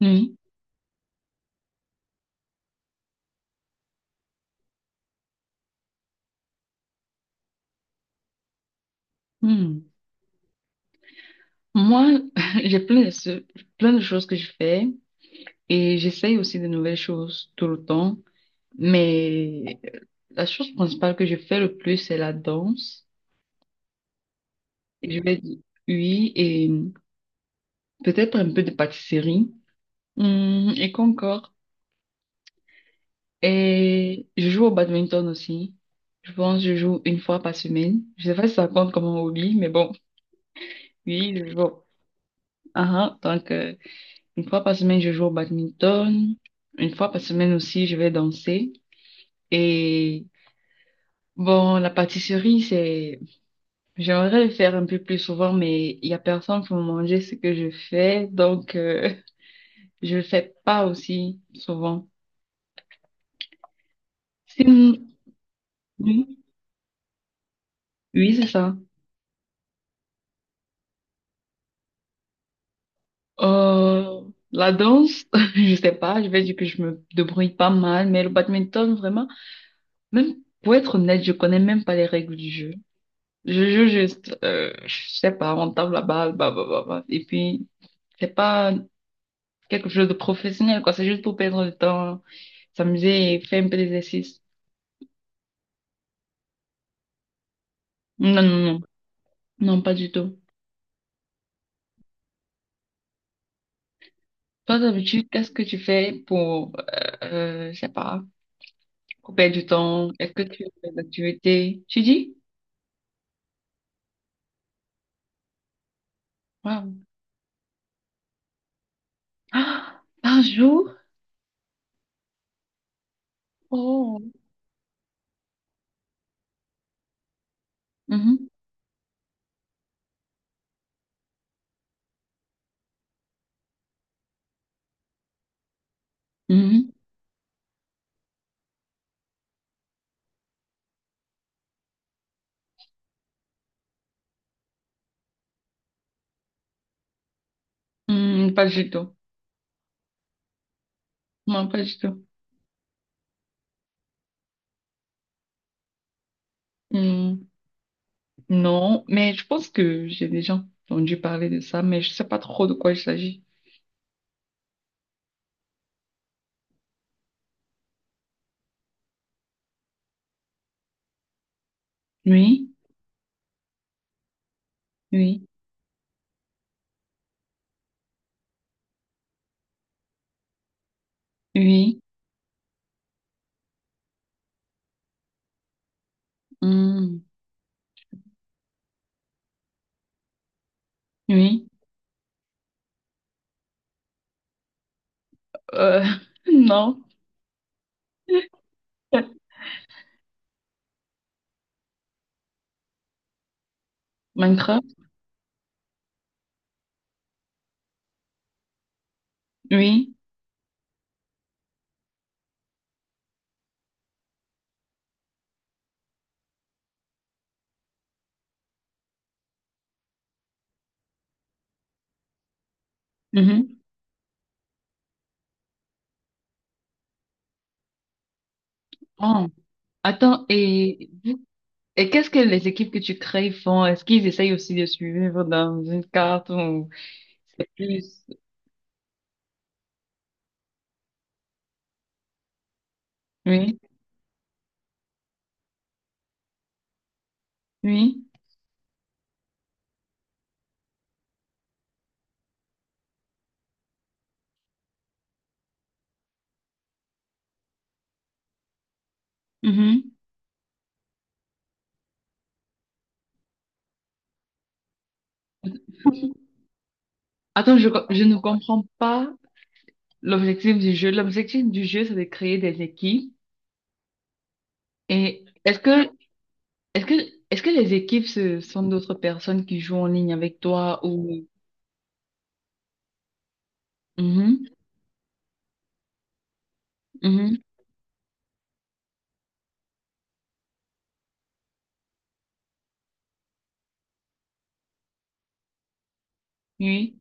Oui. Hmm. Moi, j'ai plein de choses que je fais et j'essaye aussi de nouvelles choses tout le temps. Mais la chose principale que je fais le plus, c'est la danse. Et je vais dire oui et peut-être un peu de pâtisserie. Et qu'encore? Et je joue au badminton aussi. Je pense que je joue une fois par semaine. Je sais pas si ça compte comme un hobby, mais bon, oui, je joue. Ah ah, donc, une fois par semaine, je joue au badminton. Une fois par semaine aussi, je vais danser. Et bon, la pâtisserie, c'est, j'aimerais le faire un peu plus souvent, mais il y a personne pour manger ce que je fais, donc je le fais pas aussi souvent. Sinon, oui, oui, c'est ça. Euh, la danse, je sais pas, je vais dire que je me débrouille pas mal, mais le badminton, vraiment, même pour être honnête, je connais même pas les règles du jeu. Je joue juste, je sais pas, on tape la balle, bah, bah, bah, bah. Et puis, c'est pas quelque chose de professionnel, quoi. C'est juste pour perdre le temps, s'amuser et faire un peu d'exercice. Non, non, non. Non, pas du tout. Toi, d'habitude, qu'est-ce que tu fais pour, je sais pas, pour perdre du temps? Est-ce que tu fais des activités? Tu dis? Waouh. Ah, par jour? Oh. Mhm, mhm. Hmm, pas du tout. Non, pas du tout. Mm. Non, mais je pense que j'ai déjà entendu parler de ça, mais je sais pas trop de quoi il s'agit. Oui, oui, oui, hmm, oui, euh, non. Minecraft, oui. Mhm. Oh, attends, et, qu'est-ce que les équipes que tu crées font? Est-ce qu'ils essayent aussi de suivre dans une carte ou c'est plus. Oui, oui. Mhm. Attends, je ne comprends pas l'objectif du jeu. L'objectif du jeu, c'est de créer des équipes. Et est-ce que, est-ce que les équipes, ce sont d'autres personnes qui jouent en ligne avec toi ou. Mhm, mhm, oui,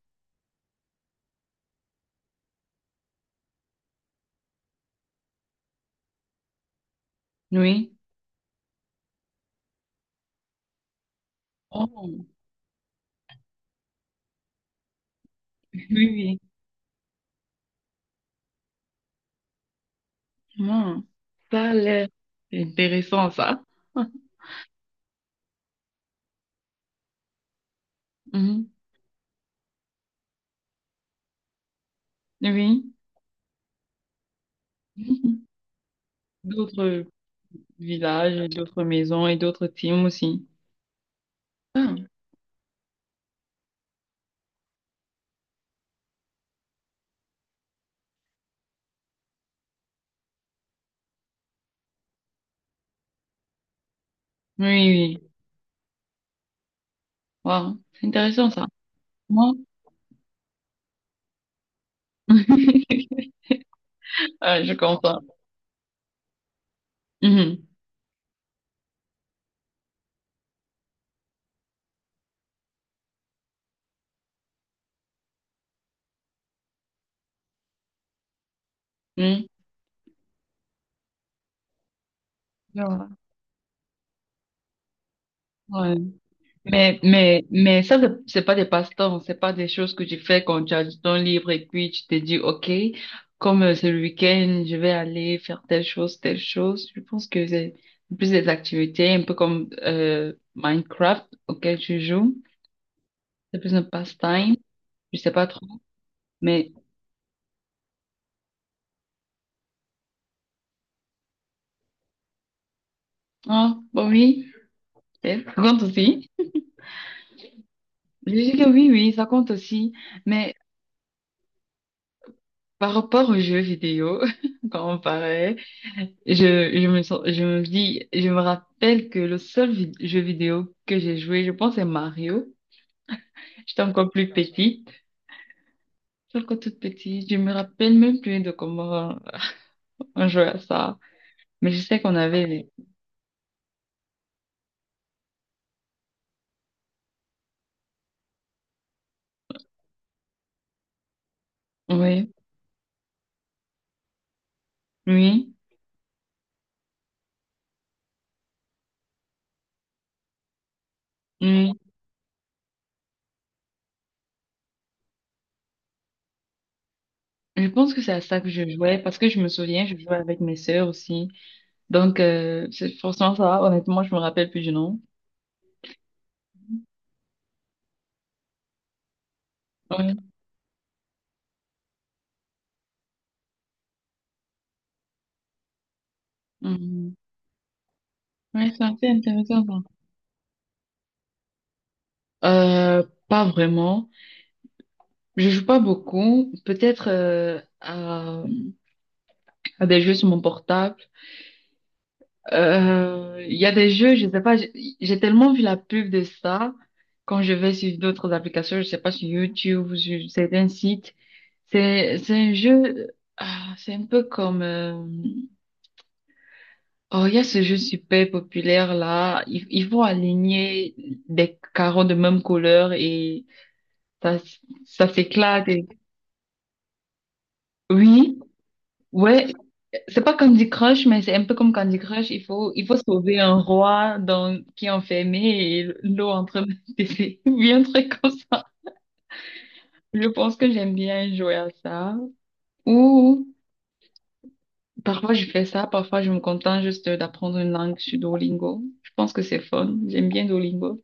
oui. Oh, oui, oui. Hmm, Ça a l'air intéressant, ça. Mhm, oui. Mhm. D'autres villages, d'autres maisons et d'autres teams aussi. Oui, oui. Wow, c'est intéressant, ça. Moi, Ah, je comprends. Mhm, mhm. Je vois. Mais ça, c'est pas des passe-temps, c'est pas des choses que tu fais quand tu as du temps libre et puis tu te dis, OK, comme c'est le week-end, je vais aller faire telle chose, telle chose. Je pense que c'est plus des activités, un peu comme Minecraft auquel tu joues. C'est plus un passe-temps, je sais pas trop. Mais, ah, bon, oui, peut-être. Ça compte aussi. Je dis que oui, oui, ça compte aussi. Mais par rapport aux jeux vidéo, quand on parlait, Je, je je me rappelle que le seul jeu vidéo que j'ai joué, je pense, c'est Mario. J'étais encore plus petite. J'étais encore toute petite. Je me rappelle même plus de comment on jouait à ça. Mais je sais qu'on avait les- Oui, oui, oui. Je pense que c'est à ça que je jouais parce que je me souviens, je jouais avec mes sœurs aussi. Donc, c'est forcément ça. Honnêtement, je me rappelle plus du nom. Oui. Mhm. Oui, c'est assez intéressant, ça. Pas vraiment. Je joue pas beaucoup, peut-être à des jeux sur mon portable. Il y a des jeux, je sais pas, j'ai tellement vu la pub de ça quand je vais sur d'autres applications, je sais pas sur YouTube ou sur certains sites. C'est un jeu, ah, c'est un peu comme oh il y a ce jeu super populaire là, ils vont aligner des carreaux de même couleur et ça ça s'éclate. Oui, ouais, c'est pas Candy Crush, mais c'est un peu comme Candy Crush. Il faut sauver un roi qui est enfermé et l'eau entre des bien un truc comme ça. Je pense que j'aime bien jouer à ça. Ou parfois je fais ça, parfois je me contente juste d'apprendre une langue sur Duolingo. Je pense que c'est fun. J'aime bien Duolingo.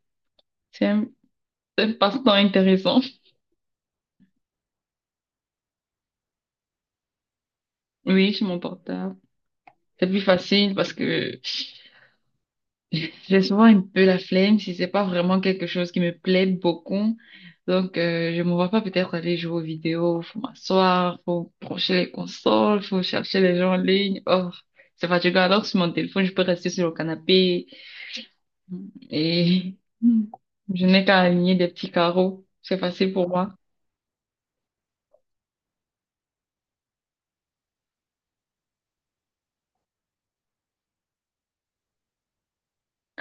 C'est un, c'est un passe-temps intéressant. Oui, sur mon portable. C'est plus facile parce que j'ai souvent un peu la flemme si c'est pas vraiment quelque chose qui me plaît beaucoup. Donc, je me vois pas peut-être aller jouer aux vidéos. Faut m'asseoir, faut brancher les consoles, faut chercher les gens en ligne. Oh, c'est fatigant. Alors, sur mon téléphone, je peux rester sur le canapé et je n'ai qu'à aligner des petits carreaux. C'est facile pour moi.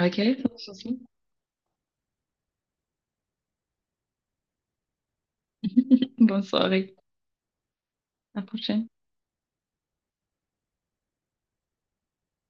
Ok, sans souci. Bonne soirée. À la prochaine.